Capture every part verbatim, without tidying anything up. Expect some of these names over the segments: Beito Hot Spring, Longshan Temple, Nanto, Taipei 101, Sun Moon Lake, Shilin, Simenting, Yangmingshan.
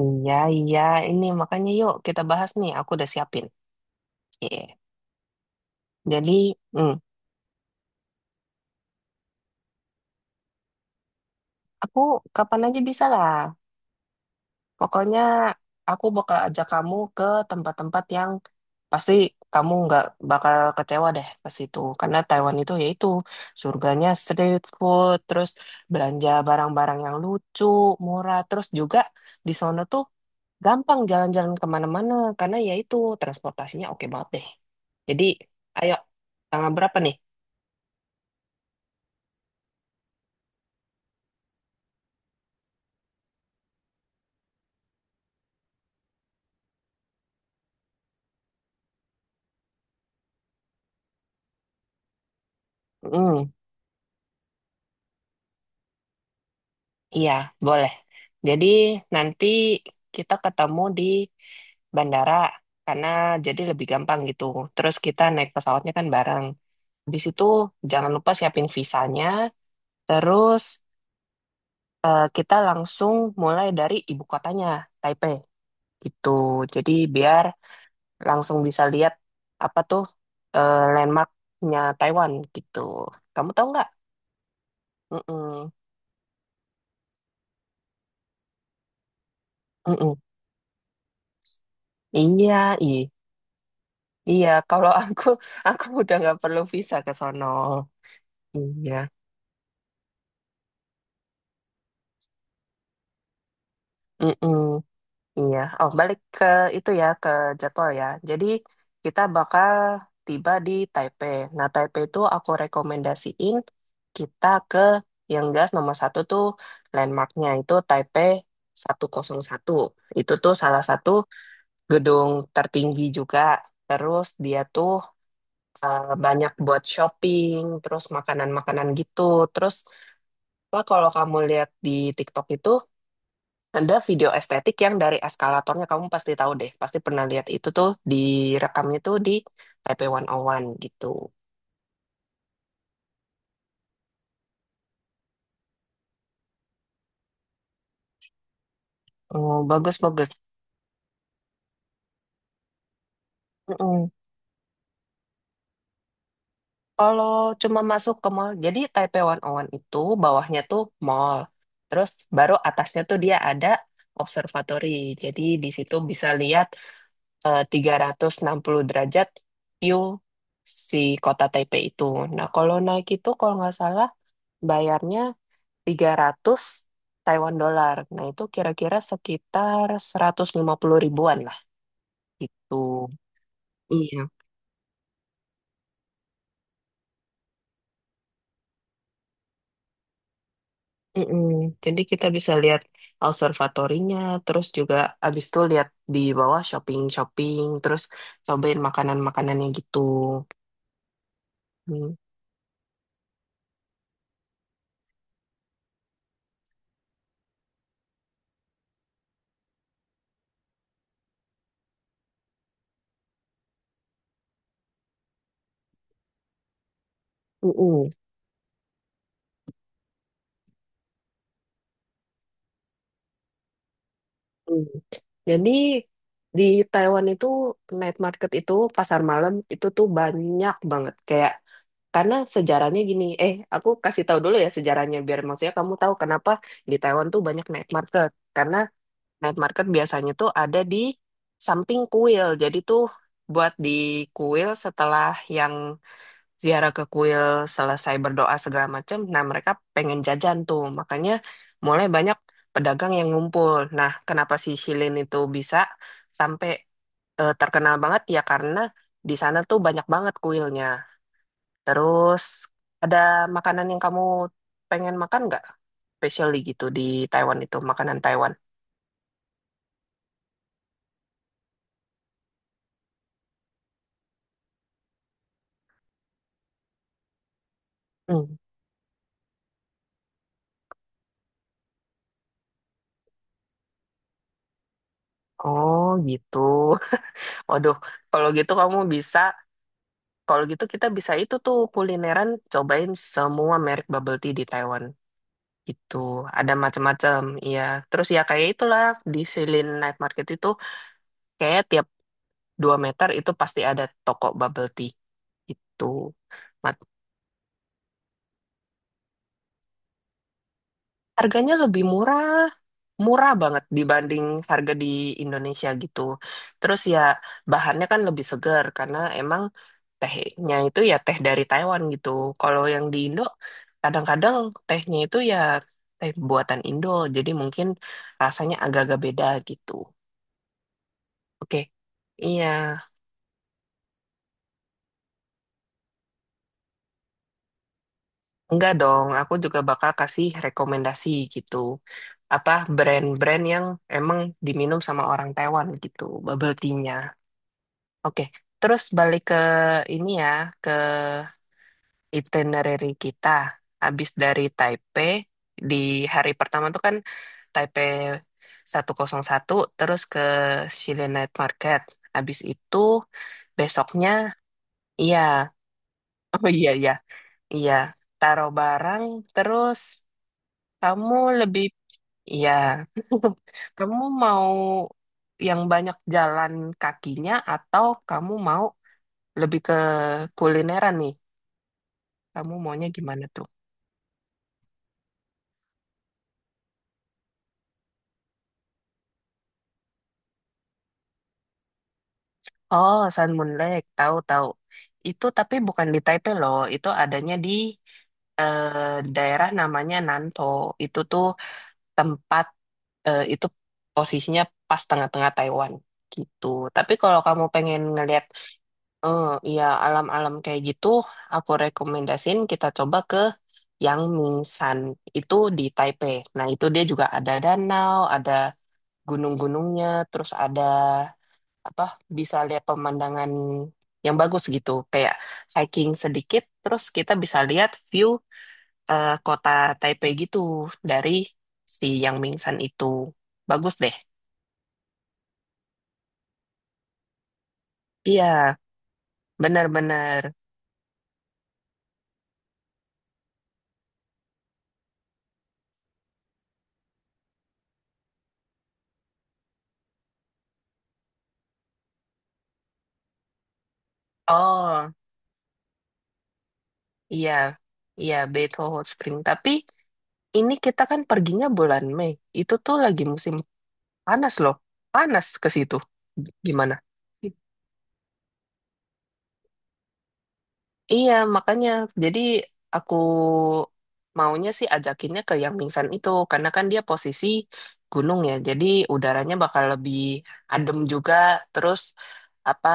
Iya, iya, ini makanya yuk kita bahas nih. Aku udah siapin. Iya. Jadi, mm, aku kapan aja bisa lah. Pokoknya aku bakal ajak kamu ke tempat-tempat yang pasti kamu nggak bakal kecewa deh ke situ. Karena Taiwan itu yaitu surganya street food, terus belanja barang-barang yang lucu, murah, terus juga di sana tuh gampang jalan-jalan kemana-mana karena yaitu transportasinya oke banget deh. Jadi, ayo tanggal berapa nih? Mm, iya, boleh. Jadi nanti kita ketemu di bandara karena jadi lebih gampang gitu. Terus kita naik pesawatnya kan bareng. Habis itu jangan lupa siapin visanya. Terus eh, kita langsung mulai dari ibu kotanya, Taipei. Gitu. Jadi biar langsung bisa lihat apa tuh eh, landmarknya Taiwan gitu. Kamu tahu nggak? Mm-mm. Mm-mm. Iya. Iya, kalau aku aku udah nggak perlu visa ke sono. Iya. Mm-mm. Iya. Oh, balik ke itu ya ke jadwal ya. Jadi kita bakal tiba di Taipei. Nah, Taipei itu aku rekomendasiin kita ke yang jelas nomor satu tuh landmarknya itu Taipei satu kosong satu. Itu tuh salah satu gedung tertinggi juga. Terus dia tuh eh, banyak buat shopping, terus makanan-makanan gitu. Terus Pak, kalau kamu lihat di TikTok itu ada video estetik yang dari eskalatornya kamu pasti tahu deh, pasti pernah lihat itu tuh direkamnya tuh di Taipei seratus satu gitu. Oh, bagus bagus. Mm-mm. Kalau cuma masuk ke mall, jadi Taipei satu kosong satu itu bawahnya tuh mall. Terus baru atasnya tuh dia ada observatory. Jadi di situ bisa lihat eh, tiga ratus enam puluh derajat view si kota Taipei itu. Nah, kalau naik itu kalau nggak salah bayarnya tiga ratus Taiwan dolar. Nah, itu kira-kira sekitar seratus lima puluh ribuan lah gitu. Iya. Mm-mm. Jadi kita bisa lihat observatorinya, terus juga abis itu lihat di bawah shopping-shopping, terus cobain makanan-makanannya gitu. Mm. Mm-mm. Mm. Jadi di Taiwan itu night market itu pasar malam itu tuh banyak banget. Kayak karena sejarahnya gini, eh aku kasih tahu dulu ya sejarahnya biar maksudnya kamu tahu kenapa di Taiwan tuh banyak night market. Karena night market biasanya tuh ada di samping kuil. Jadi tuh buat di kuil setelah yang ziarah ke kuil selesai berdoa segala macam, nah mereka pengen jajan tuh. Makanya mulai banyak pedagang yang ngumpul. Nah, kenapa si Shilin itu bisa sampai eh, terkenal banget ya karena di sana tuh banyak banget kuilnya. Terus ada makanan yang kamu pengen makan nggak? Especially gitu di Taiwan itu, makanan Taiwan. Hmm. Oh gitu. Waduh, kalau gitu kamu bisa, kalau gitu kita bisa itu tuh kulineran cobain semua merek bubble tea di Taiwan. Itu ada macam-macam, iya. Terus ya kayak itulah di Silin Night Market itu kayak tiap dua meter itu pasti ada toko bubble tea. Itu. Harganya lebih murah, murah banget dibanding harga di Indonesia gitu. Terus ya bahannya kan lebih segar karena emang tehnya itu ya teh dari Taiwan gitu. Kalau yang di Indo kadang-kadang tehnya itu ya teh buatan Indo, jadi mungkin rasanya agak-agak beda gitu. Oke. Iya, enggak dong. Aku juga bakal kasih rekomendasi gitu. Apa brand-brand yang emang diminum sama orang Taiwan gitu, bubble tea. Oke, terus balik ke ini ya, ke itinerary kita. Habis dari Taipei, di hari pertama tuh kan Taipei seratus satu, terus ke Xile Night Market. Habis itu, besoknya, iya, oh iya, iya, iya, taruh barang, terus kamu lebih, iya, kamu mau yang banyak jalan kakinya atau kamu mau lebih ke kulineran nih? Kamu maunya gimana tuh? Oh, Sun Moon Lake, tahu-tahu. Itu tapi bukan di Taipei loh, itu adanya di eh, daerah namanya Nanto. Itu tuh tempat eh, itu posisinya pas tengah-tengah Taiwan gitu. Tapi kalau kamu pengen ngelihat eh ya alam-alam kayak gitu, aku rekomendasiin kita coba ke Yang Yangmingshan. Itu di Taipei. Nah, itu dia juga ada danau, ada gunung-gunungnya, terus ada apa bisa lihat pemandangan yang bagus gitu kayak hiking sedikit terus kita bisa lihat view eh, kota Taipei gitu dari si Yang Mingsan itu bagus deh. Iya, benar-benar. Oh iya, iya, Beito Hot Spring tapi ini kita kan perginya bulan Mei itu tuh lagi musim panas loh panas ke situ gimana. Iya, makanya jadi aku maunya sih ajakinnya ke yang pingsan itu karena kan dia posisi gunung ya. Jadi udaranya bakal lebih adem juga. Terus apa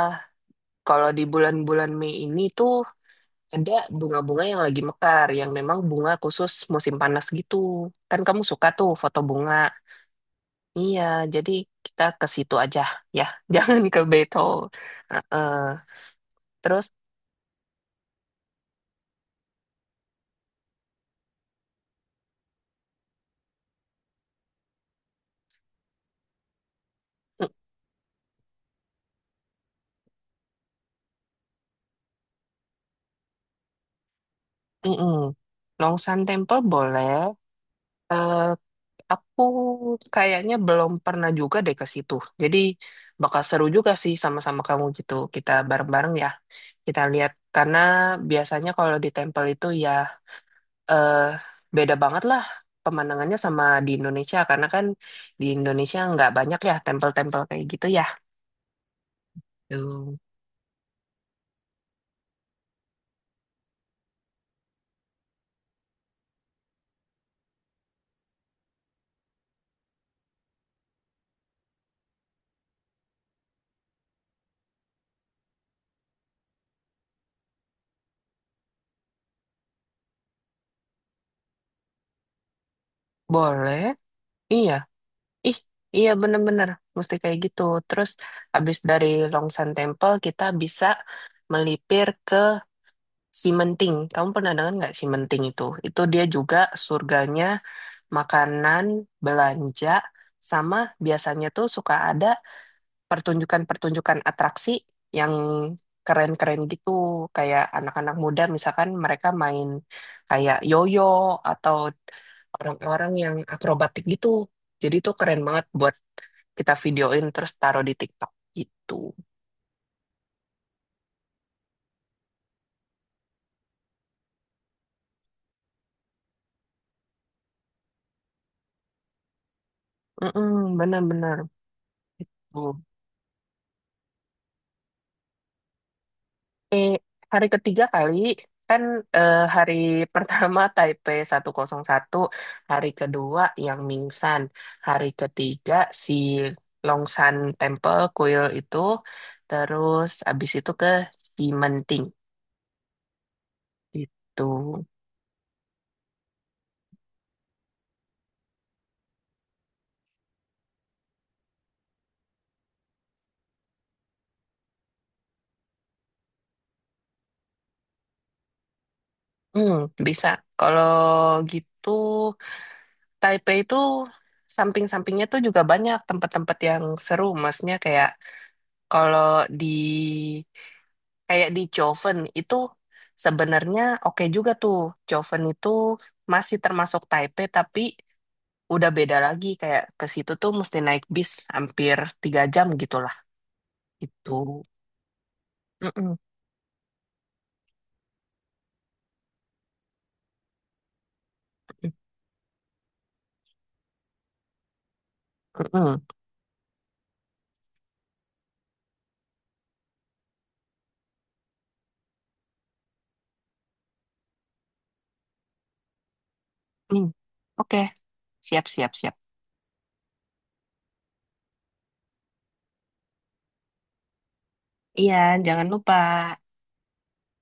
kalau di bulan-bulan Mei ini tuh ada bunga-bunga yang lagi mekar yang memang bunga khusus musim panas gitu. Kan kamu suka tuh foto bunga. Iya, jadi kita ke situ aja ya. Jangan ke Beto. Heeh. Terus mm, mm-mm. Longsan Temple boleh. Eh, aku kayaknya belum pernah juga deh ke situ. Jadi bakal seru juga sih sama-sama kamu gitu. Kita bareng-bareng ya. Kita lihat karena biasanya kalau di temple itu ya eh beda banget lah pemandangannya sama di Indonesia karena kan di Indonesia nggak banyak ya temple tempel kayak gitu ya. Tuh. Boleh. Iya. Ih, iya bener-bener mesti kayak gitu. Terus abis dari Long Temple kita bisa melipir ke Simenting, kamu pernah dengar nggak Simenting itu? Itu dia juga surganya makanan, belanja, sama biasanya tuh suka ada pertunjukan-pertunjukan atraksi yang keren-keren gitu. Kayak anak-anak muda misalkan mereka main kayak yoyo atau orang-orang yang akrobatik gitu. Jadi itu keren banget buat kita videoin terus taruh di TikTok gitu. Mm-mm, benar-benar. Gitu. Eh, Hari ketiga kali kan eh, hari pertama Taipei seratus satu hari kedua yang Mingsan, hari ketiga si Longshan Temple kuil itu, terus abis itu ke Simenting gitu. Hmm, bisa. Kalau gitu Taipei itu samping-sampingnya tuh juga banyak tempat-tempat yang seru, maksudnya kayak kalau di Kayak di Joven itu sebenarnya oke juga tuh. Joven itu masih termasuk Taipei tapi udah beda lagi. Kayak ke situ tuh mesti naik bis hampir tiga jam gitulah. Itu. Mm-mm, mm-mm, mm. Oke. Siap, siap, siap. Iya, jangan lupa.